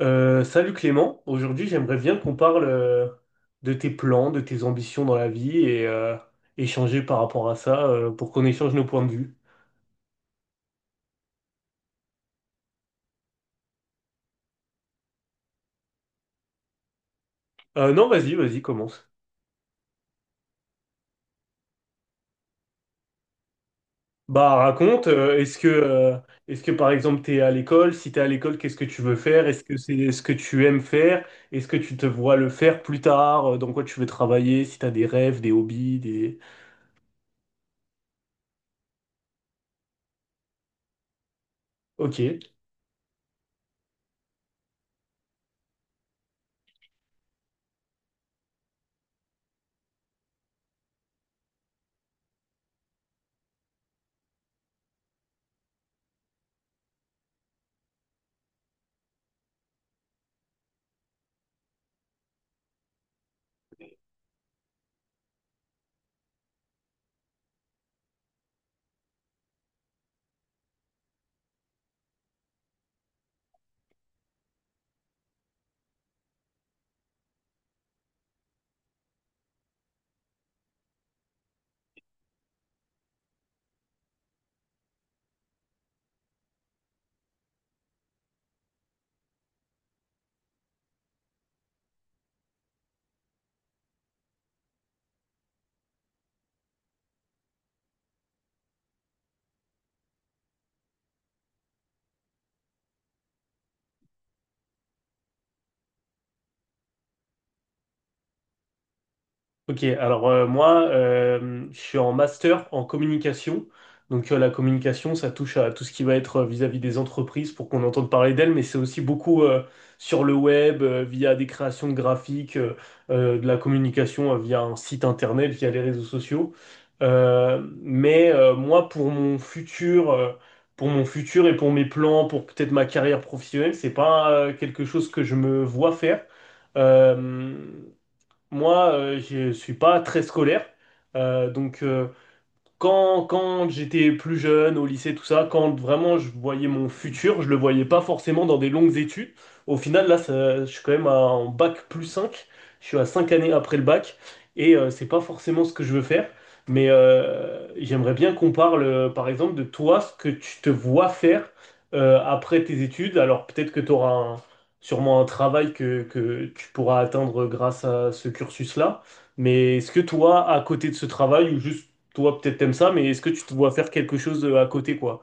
Salut Clément, aujourd'hui j'aimerais bien qu'on parle de tes plans, de tes ambitions dans la vie et échanger par rapport à ça pour qu'on échange nos points de vue. Non, vas-y, vas-y, commence. Bah raconte, est-ce que par exemple t'es à l'école? Si t'es à l'école, qu'est-ce que tu veux faire? Est-ce que c'est ce que tu aimes faire? Est-ce que tu te vois le faire plus tard? Dans quoi tu veux travailler? Si t'as des rêves, des hobbies, des... Ok. Alors, je suis en master en communication. Donc la communication, ça touche à tout ce qui va être vis-à-vis des entreprises pour qu'on entende parler d'elles, mais c'est aussi beaucoup sur le web, via des créations de graphiques, de la communication via un site internet, via les réseaux sociaux. Mais pour mon futur et pour mes plans, pour peut-être ma carrière professionnelle, c'est pas quelque chose que je me vois faire. Euh, moi, je suis pas très scolaire, donc quand j'étais plus jeune, au lycée, tout ça, quand vraiment je voyais mon futur, je le voyais pas forcément dans des longues études. Au final, là, je suis quand même en bac plus cinq. Je suis à 5 années après le bac. Et c'est pas forcément ce que je veux faire. Mais j'aimerais bien qu'on parle, par exemple, de toi, ce que tu te vois faire après tes études. Alors peut-être que tu auras sûrement un travail que tu pourras atteindre grâce à ce cursus-là. Mais est-ce que toi, à côté de ce travail, ou juste toi, peut-être t'aimes ça, mais est-ce que tu te vois faire quelque chose à côté, quoi?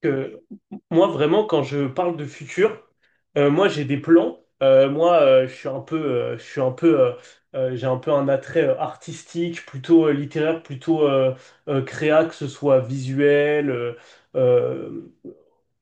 Que, moi, vraiment, quand je parle de futur, moi, j'ai des plans. Moi, je suis un peu, je suis un peu, j'ai un peu un attrait artistique, plutôt littéraire, plutôt créa, que ce soit visuel. Euh,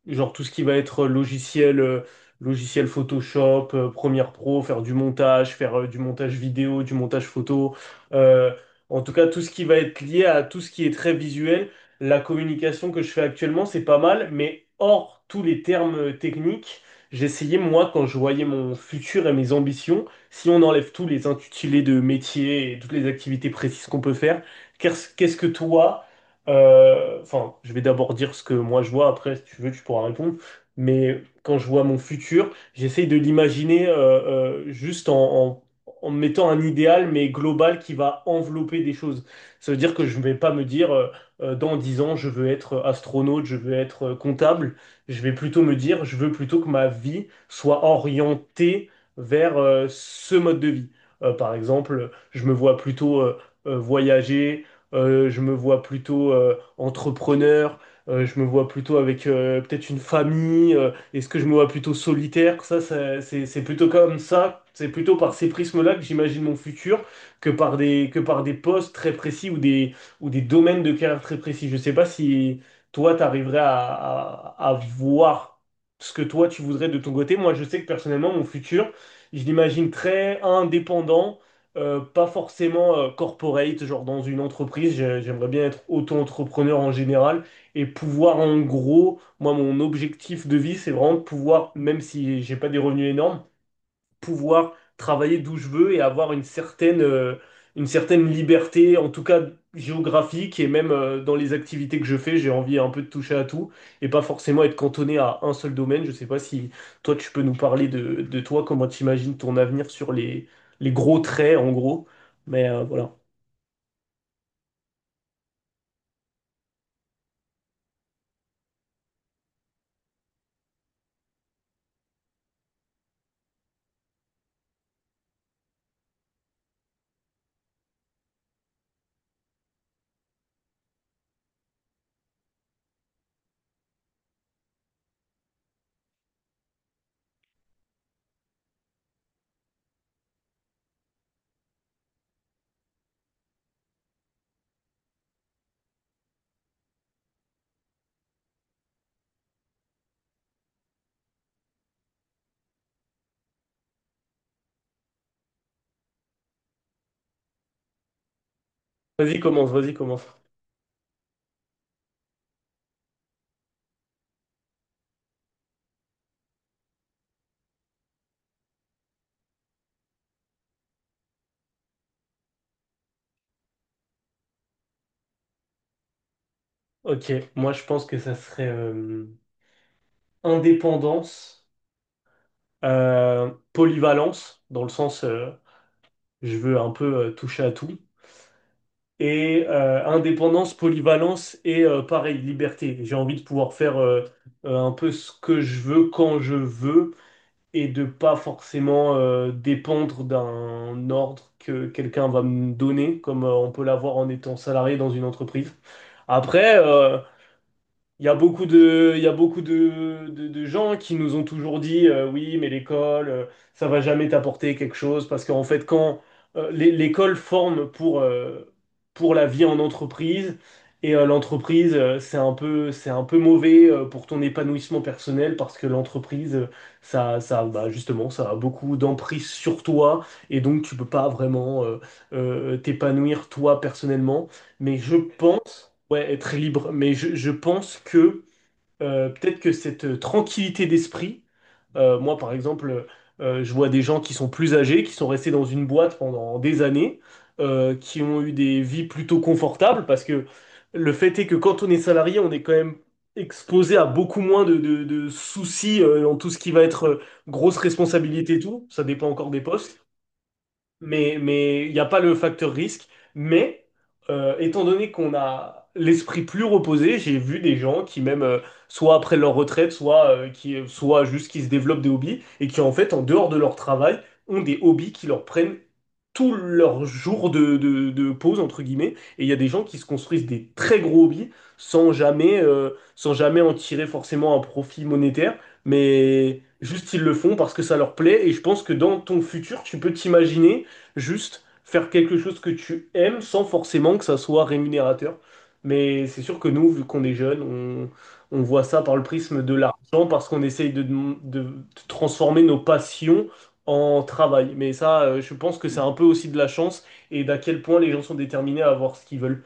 Genre tout ce qui va être logiciel, logiciel Photoshop, Premiere Pro, faire du montage vidéo, du montage photo. Euh, en tout cas, tout ce qui va être lié à tout ce qui est très visuel. La communication que je fais actuellement, c'est pas mal, mais hors tous les termes techniques, j'essayais, moi, quand je voyais mon futur et mes ambitions, si on enlève tous les intitulés de métier et toutes les activités précises qu'on peut faire, qu'est-ce que toi... Enfin, je vais d'abord dire ce que moi je vois, après, si tu veux, tu pourras répondre. Mais quand je vois mon futur, j'essaye de l'imaginer juste en mettant un idéal, mais global, qui va envelopper des choses. Ça veut dire que je ne vais pas me dire, dans 10 ans, je veux être astronaute, je veux être comptable. Je vais plutôt me dire, je veux plutôt que ma vie soit orientée vers ce mode de vie. Par exemple, je me vois plutôt... voyager, je me vois plutôt entrepreneur. Je me vois plutôt avec peut-être une famille. Est-ce que je me vois plutôt solitaire? C'est plutôt comme ça. C'est plutôt par ces prismes-là que j'imagine mon futur que par des postes très précis ou des domaines de carrière très précis. Je ne sais pas si toi, tu arriverais à voir ce que toi, tu voudrais de ton côté. Moi, je sais que personnellement, mon futur, je l'imagine très indépendant, pas forcément corporate, genre dans une entreprise. J'aimerais bien être auto-entrepreneur en général et pouvoir en gros, moi mon objectif de vie, c'est vraiment de pouvoir, même si j'ai pas des revenus énormes, pouvoir travailler d'où je veux et avoir une certaine liberté, en tout cas géographique, et même dans les activités que je fais, j'ai envie un peu de toucher à tout, et pas forcément être cantonné à un seul domaine. Je sais pas si toi, tu peux nous parler de toi, comment tu imagines ton avenir sur les gros traits, en gros. Mais voilà. Vas-y, commence, vas-y, commence. Ok, moi je pense que ça serait indépendance, polyvalence, dans le sens je veux un peu toucher à tout, et indépendance, polyvalence et, pareil, liberté. J'ai envie de pouvoir faire un peu ce que je veux quand je veux et de pas forcément dépendre d'un ordre que quelqu'un va me donner, comme on peut l'avoir en étant salarié dans une entreprise. Après, il y a beaucoup de, il y a beaucoup de gens qui nous ont toujours dit oui, mais l'école, ça va jamais t'apporter quelque chose parce qu'en fait, quand l'école forme pour la vie en entreprise et l'entreprise, c'est un peu mauvais pour ton épanouissement personnel parce que l'entreprise, justement, ça a beaucoup d'emprise sur toi et donc tu peux pas vraiment t'épanouir toi personnellement. Mais je pense... Ouais, être libre. Mais je pense que peut-être que cette tranquillité d'esprit, moi par exemple, je vois des gens qui sont plus âgés, qui sont restés dans une boîte pendant des années, qui ont eu des vies plutôt confortables, parce que le fait est que quand on est salarié, on est quand même exposé à beaucoup moins de soucis dans tout ce qui va être grosse responsabilité et tout. Ça dépend encore des postes, mais il n'y a pas le facteur risque. Mais étant donné qu'on a l'esprit plus reposé, j'ai vu des gens qui même soit après leur retraite, soit juste qui se développent des hobbies et qui en fait en dehors de leur travail ont des hobbies qui leur prennent tous leurs jours de pause entre guillemets. Et il y a des gens qui se construisent des très gros hobbies sans jamais sans jamais en tirer forcément un profit monétaire, mais juste, ils le font parce que ça leur plaît. Et je pense que dans ton futur, tu peux t'imaginer juste faire quelque chose que tu aimes sans forcément que ça soit rémunérateur. Mais c'est sûr que nous, vu qu'on est jeunes, on voit ça par le prisme de l'argent parce qu'on essaye de, de transformer nos passions en travail. Mais ça, je pense que c'est un peu aussi de la chance et d'à quel point les gens sont déterminés à avoir ce qu'ils veulent.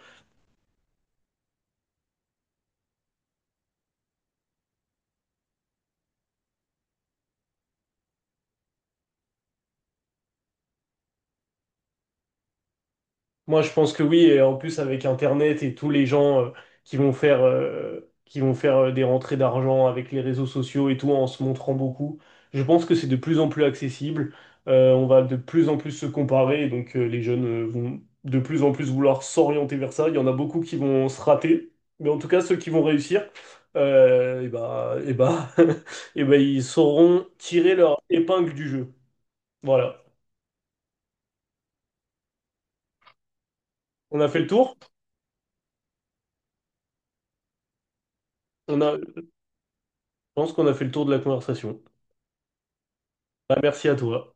Moi, je pense que oui, et en plus avec Internet et tous les gens qui vont faire des rentrées d'argent avec les réseaux sociaux et tout en se montrant beaucoup, je pense que c'est de plus en plus accessible. On va de plus en plus se comparer, donc les jeunes vont de plus en plus vouloir s'orienter vers ça. Il y en a beaucoup qui vont se rater, mais en tout cas ceux qui vont réussir, et bah, ils sauront tirer leur épingle du jeu. Voilà. On a fait le tour. On a, je pense qu'on a fait le tour de la conversation. Bah, merci à toi.